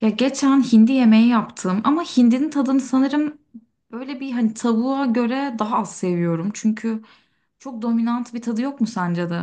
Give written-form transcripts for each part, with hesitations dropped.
Ya geçen hindi yemeği yaptım ama hindinin tadını sanırım böyle bir hani tavuğa göre daha az seviyorum. Çünkü çok dominant bir tadı yok mu sence de?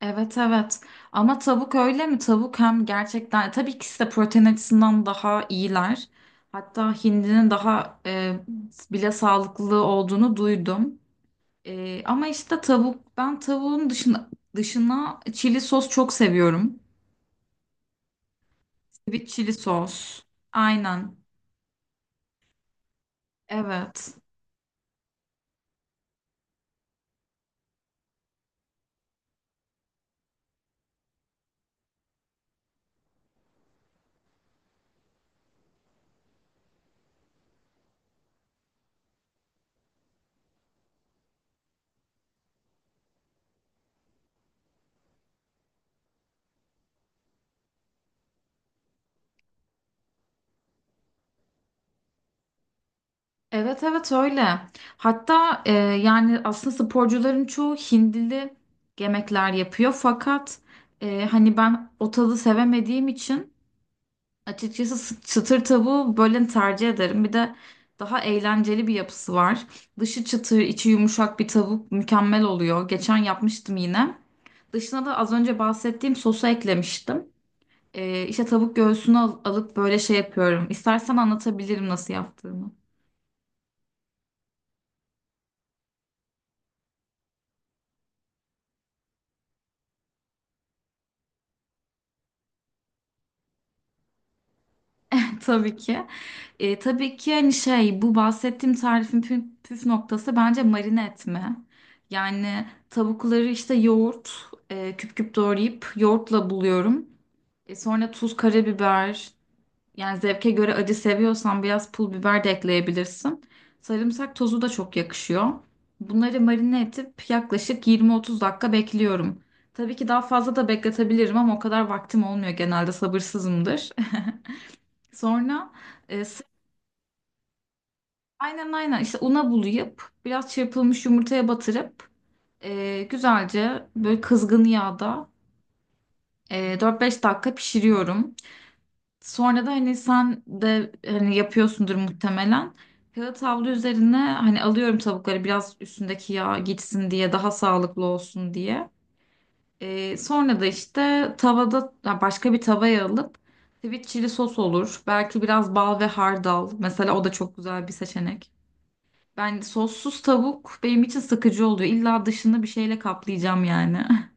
Evet, evet, ama tavuk öyle mi? Tavuk hem gerçekten tabii ikisi de protein açısından daha iyiler. Hatta hindinin daha bile sağlıklı olduğunu duydum. Ama işte tavuk ben tavuğun dışına çili sos çok seviyorum. Sweet çili sos. Aynen. Evet. Evet, evet, öyle. Hatta yani aslında sporcuların çoğu hindili yemekler yapıyor. Fakat hani ben o tadı sevemediğim için açıkçası çıtır tavuğu böyle tercih ederim. Bir de daha eğlenceli bir yapısı var. Dışı çıtır, içi yumuşak bir tavuk mükemmel oluyor. Geçen yapmıştım yine. Dışına da az önce bahsettiğim sosu eklemiştim. E, işte tavuk göğsünü alıp böyle şey yapıyorum. İstersen anlatabilirim nasıl yaptığımı. Tabii ki. Tabii ki hani şey bu bahsettiğim tarifin püf noktası bence marine etme. Yani tavukları işte yoğurt küp küp doğrayıp yoğurtla buluyorum. Sonra tuz, karabiber, yani zevke göre acı seviyorsan biraz pul biber de ekleyebilirsin. Sarımsak tozu da çok yakışıyor. Bunları marine edip yaklaşık 20-30 dakika bekliyorum. Tabii ki daha fazla da bekletebilirim ama o kadar vaktim olmuyor, genelde sabırsızımdır. Sonra, e, s- aynen, aynen, işte una bulayıp biraz çırpılmış yumurtaya batırıp güzelce böyle kızgın yağda 4-5 dakika pişiriyorum. Sonra da hani sen de hani yapıyorsundur muhtemelen. Kağıt havlu üzerine hani alıyorum tavukları, biraz üstündeki yağ gitsin diye, daha sağlıklı olsun diye. Sonra da işte tavada ya başka bir tavaya alıp sweet chili sos olur. Belki biraz bal ve hardal. Mesela o da çok güzel bir seçenek. Ben sossuz tavuk, benim için sıkıcı oluyor. İlla dışını bir şeyle kaplayacağım yani.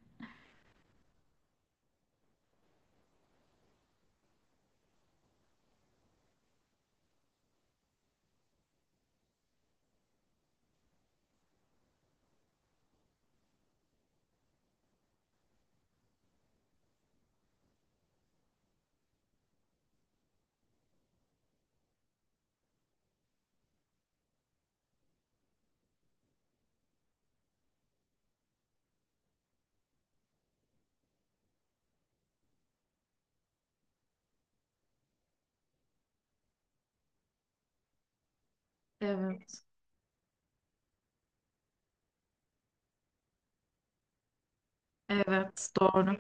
Evet, evet doğru.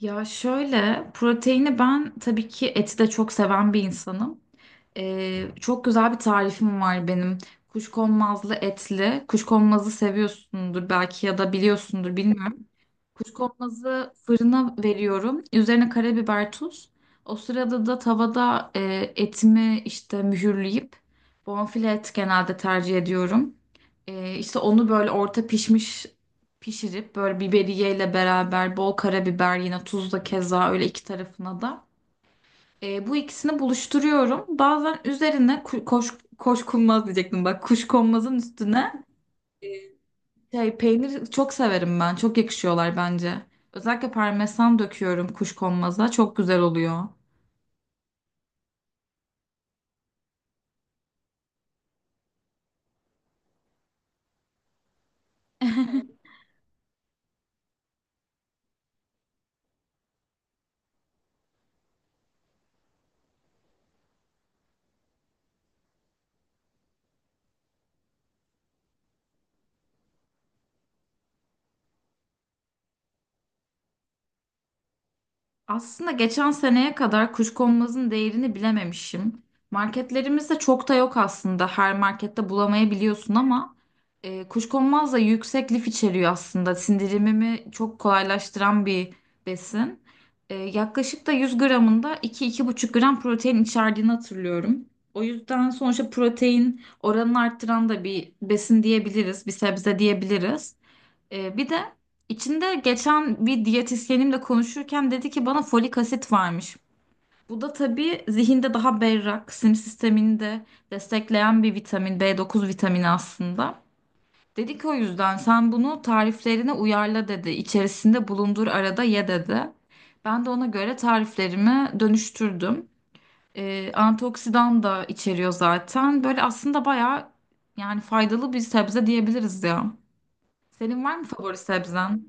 Ya şöyle, proteini ben tabii ki eti de çok seven bir insanım. Çok güzel bir tarifim var benim. Kuşkonmazlı etli. Kuşkonmazı seviyorsundur belki ya da biliyorsundur bilmiyorum. Kuşkonmazı fırına veriyorum. Üzerine karabiber, tuz. O sırada da tavada etimi işte mühürleyip bonfile et genelde tercih ediyorum. E, işte onu böyle orta pişmiş pişirip böyle biberiyeyle beraber bol karabiber, yine tuz da keza öyle iki tarafına da. Bu ikisini buluşturuyorum. Bazen üzerine koş, koşkunmaz diyecektim bak, kuşkonmazın üstüne e, peynir çok severim ben. Çok yakışıyorlar bence. Özellikle parmesan döküyorum kuşkonmaza. Çok güzel oluyor. Aslında geçen seneye kadar Kuşkonmaz'ın değerini bilememişim. Marketlerimizde çok da yok aslında. Her markette bulamayabiliyorsun ama Kuşkonmaz da yüksek lif içeriyor aslında. Sindirimimi çok kolaylaştıran bir besin. Yaklaşık da 100 gramında 2-2,5 gram protein içerdiğini hatırlıyorum. O yüzden sonuçta protein oranını arttıran da bir besin diyebiliriz, bir sebze diyebiliriz. Bir de içinde geçen bir diyetisyenimle konuşurken dedi ki bana folik asit varmış. Bu da tabii zihinde daha berrak, sinir sistemini de destekleyen bir vitamin, B9 vitamini aslında. Dedi ki o yüzden sen bunu tariflerine uyarla dedi. İçerisinde bulundur, arada ye dedi. Ben de ona göre tariflerimi dönüştürdüm. Antioksidan da içeriyor zaten. Böyle aslında bayağı yani faydalı bir sebze diyebiliriz ya. Senin var mı favori sebzen?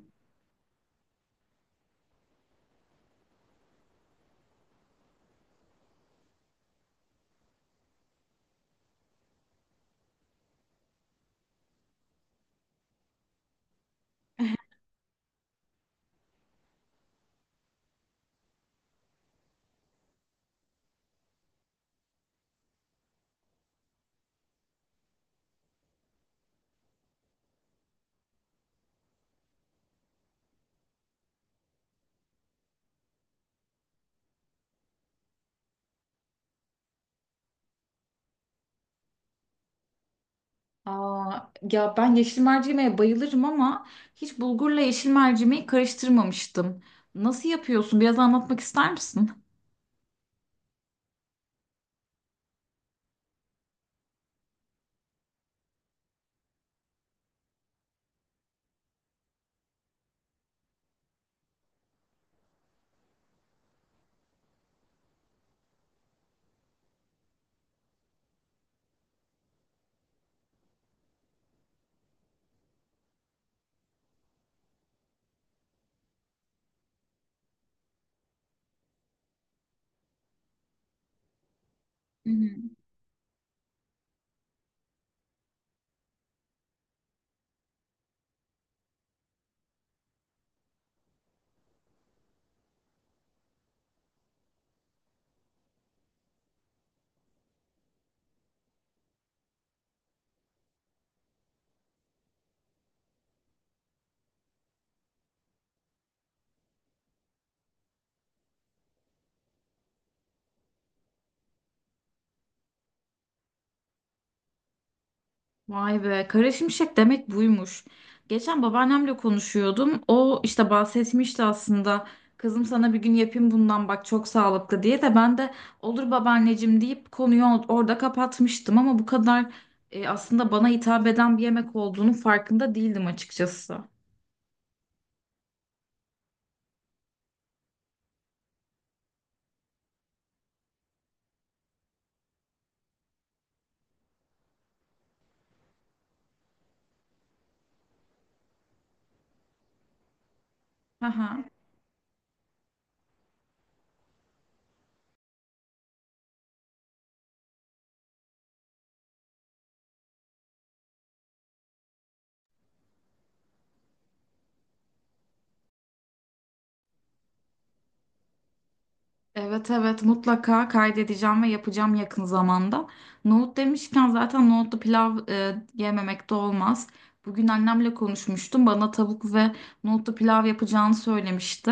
Aa, ya ben yeşil mercimeğe bayılırım ama hiç bulgurla yeşil mercimeği karıştırmamıştım. Nasıl yapıyorsun? Biraz anlatmak ister misin? Hı hı. Vay be, kara şimşek demek buymuş. Geçen babaannemle konuşuyordum. O işte bahsetmişti aslında. Kızım sana bir gün yapayım bundan bak, çok sağlıklı diye, de ben de olur babaanneciğim deyip konuyu orada kapatmıştım, ama bu kadar aslında bana hitap eden bir yemek olduğunun farkında değildim açıkçası. Hı. Evet, evet, mutlaka kaydedeceğim ve yapacağım yakın zamanda. Nohut demişken zaten nohutlu pilav yememek de olmaz. Bugün annemle konuşmuştum. Bana tavuk ve nohutlu pilav yapacağını söylemişti.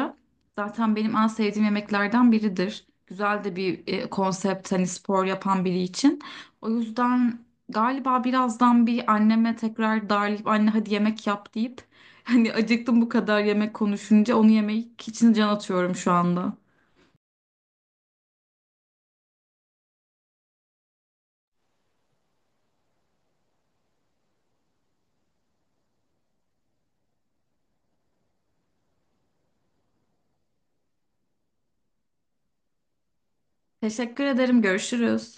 Zaten benim en sevdiğim yemeklerden biridir. Güzel de bir konsept hani spor yapan biri için. O yüzden galiba birazdan bir anneme tekrar darlayıp anne hadi yemek yap deyip hani acıktım, bu kadar yemek konuşunca onu yemek için can atıyorum şu anda. Teşekkür ederim. Görüşürüz.